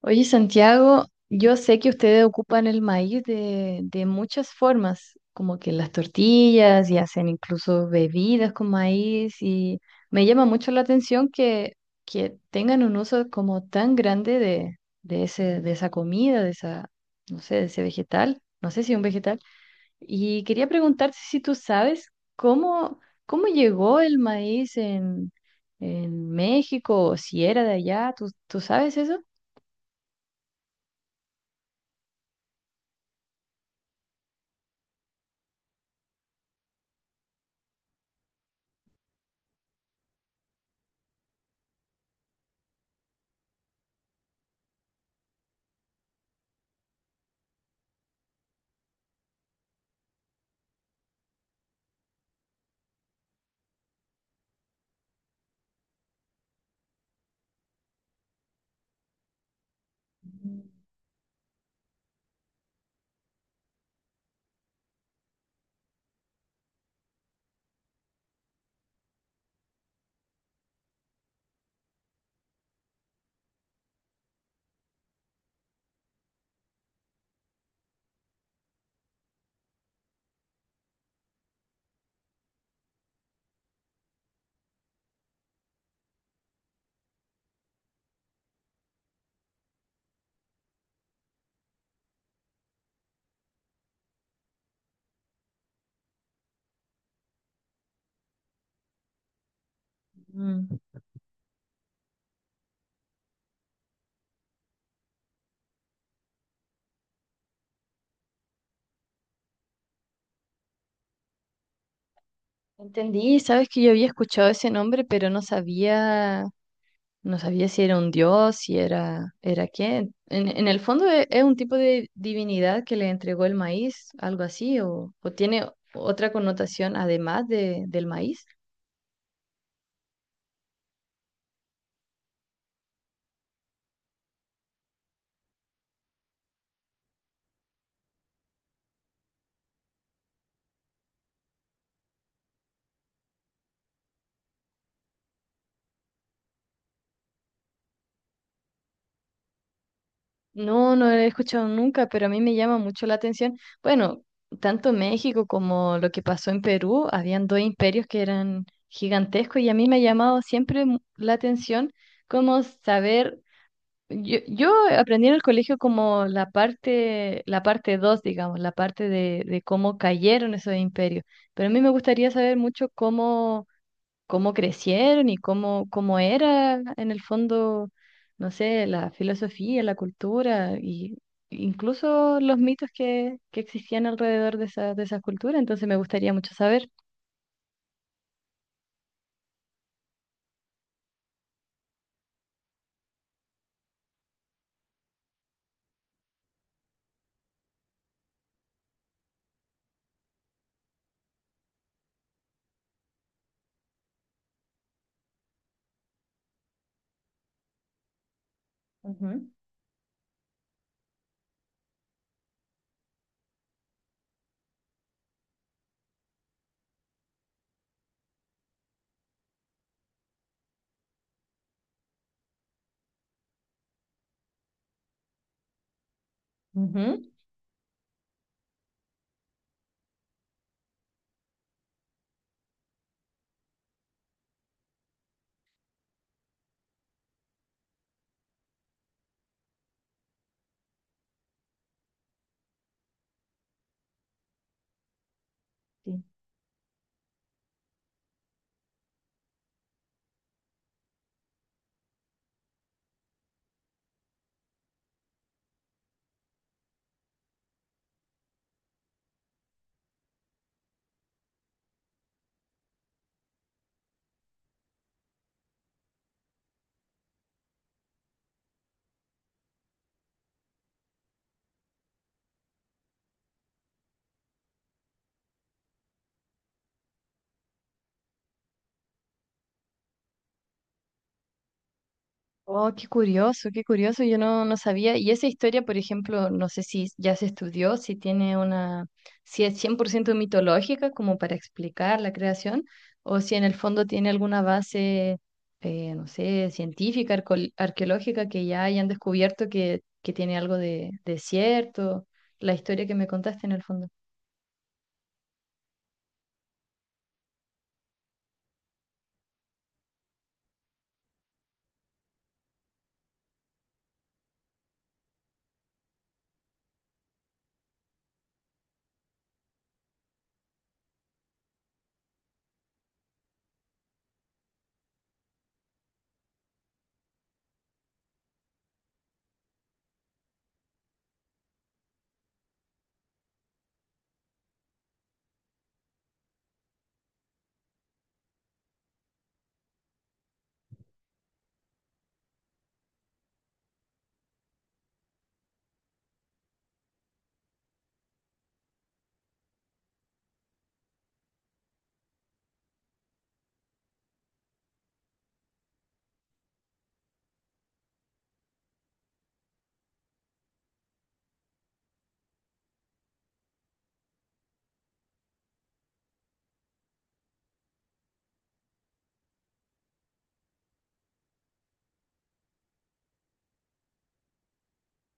Oye, Santiago, yo sé que ustedes ocupan el maíz de muchas formas, como que las tortillas y hacen incluso bebidas con maíz y me llama mucho la atención que tengan un uso como tan grande de ese, de esa comida, de esa, no sé, de ese vegetal, no sé si es un vegetal. Y quería preguntarte si tú sabes cómo, cómo llegó el maíz en México o si era de allá, tú sabes eso? Mm. Entendí, sabes que yo había escuchado ese nombre, pero no no sabía si era un dios, si era, era quién. En el fondo es un tipo de divinidad que le entregó el maíz, algo así, o tiene otra connotación además del maíz. No, no lo he escuchado nunca, pero a mí me llama mucho la atención. Bueno, tanto México como lo que pasó en Perú, habían dos imperios que eran gigantescos y a mí me ha llamado siempre la atención cómo saber. Yo aprendí en el colegio como la la parte 2 digamos, la parte de cómo cayeron esos imperios. Pero a mí me gustaría saber mucho cómo crecieron y cómo era en el fondo, no sé, la filosofía, la cultura y incluso los mitos que existían alrededor de esa, de esas culturas. Entonces me gustaría mucho saber. Ujú. Sí. Oh, qué curioso, yo no sabía. Y esa historia, por ejemplo, no sé si ya se estudió, si tiene una, si es 100% mitológica como para explicar la creación, o si en el fondo tiene alguna base, no sé, científica, arqueológica que ya hayan descubierto que tiene algo de cierto, la historia que me contaste en el fondo.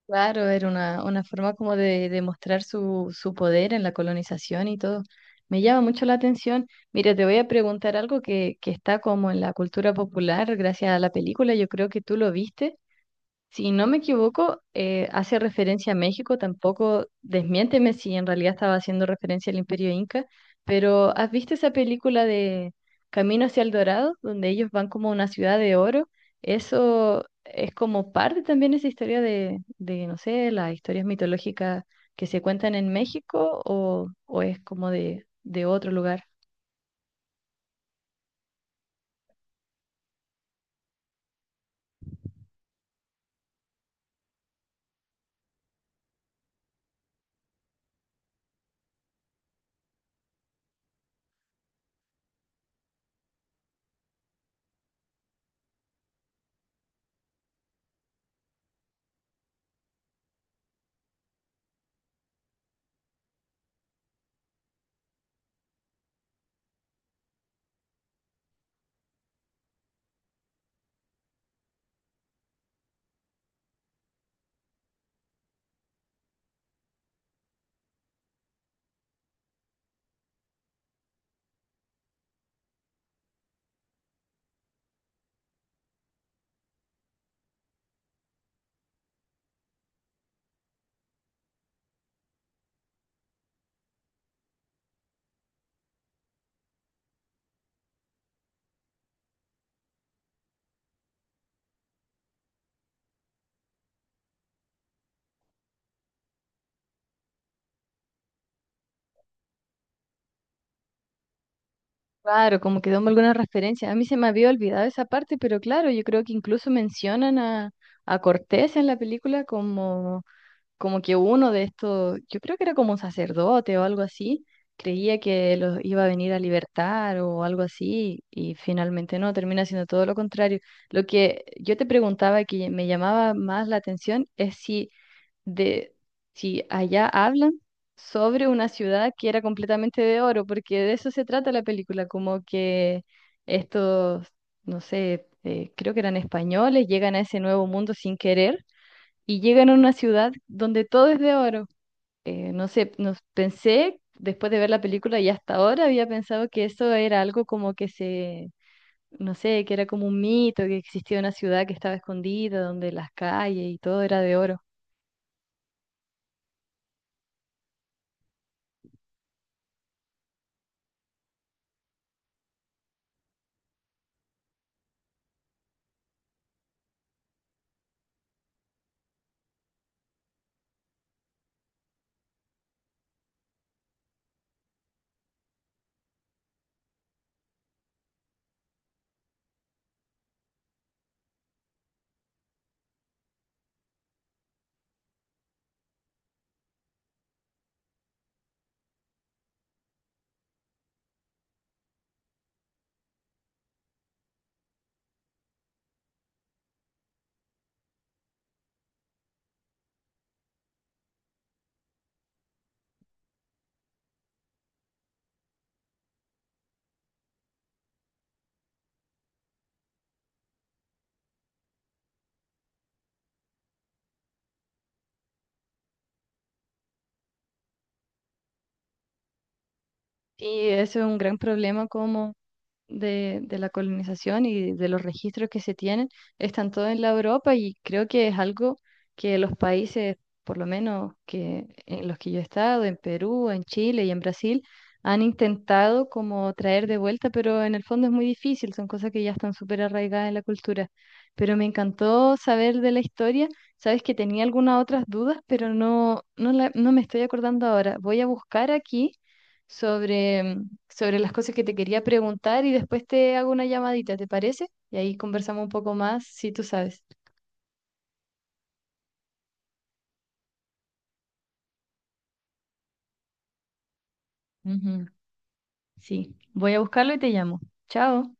Claro, era una forma como de demostrar su poder en la colonización y todo. Me llama mucho la atención. Mira, te voy a preguntar algo que está como en la cultura popular gracias a la película. Yo creo que tú lo viste. Si no me equivoco, hace referencia a México, tampoco desmiénteme si en realidad estaba haciendo referencia al Imperio Inca, pero ¿has visto esa película de Camino hacia el Dorado, donde ellos van como a una ciudad de oro? Eso es como parte también de esa historia no sé, las historias mitológicas que se cuentan en México o es como de otro lugar. Claro, como que damos alguna referencia. A mí se me había olvidado esa parte, pero claro, yo creo que incluso mencionan a Cortés en la película como, como que uno de estos, yo creo que era como un sacerdote o algo así, creía que los iba a venir a libertar o algo así, y finalmente no, termina siendo todo lo contrario. Lo que yo te preguntaba que me llamaba más la atención es si de si allá hablan sobre una ciudad que era completamente de oro, porque de eso se trata la película, como que estos, no sé, creo que eran españoles, llegan a ese nuevo mundo sin querer y llegan a una ciudad donde todo es de oro. No sé, nos pensé, después de ver la película y hasta ahora había pensado que eso era algo como que se... No sé, que era como un mito, que existía una ciudad que estaba escondida, donde las calles y todo era de oro. Sí, eso es un gran problema como de la colonización y de los registros que se tienen están todos en la Europa y creo que es algo que los países, por lo menos que en los que yo he estado, en Perú, en Chile y en Brasil, han intentado como traer de vuelta, pero en el fondo es muy difícil, son cosas que ya están súper arraigadas en la cultura. Pero me encantó saber de la historia. Sabes que tenía algunas otras dudas, pero no, no, no me estoy acordando ahora. Voy a buscar aquí sobre sobre las cosas que te quería preguntar y después te hago una llamadita, ¿te parece? Y ahí conversamos un poco más, si tú sabes. Ujú, sí, voy a buscarlo y te llamo. Chao.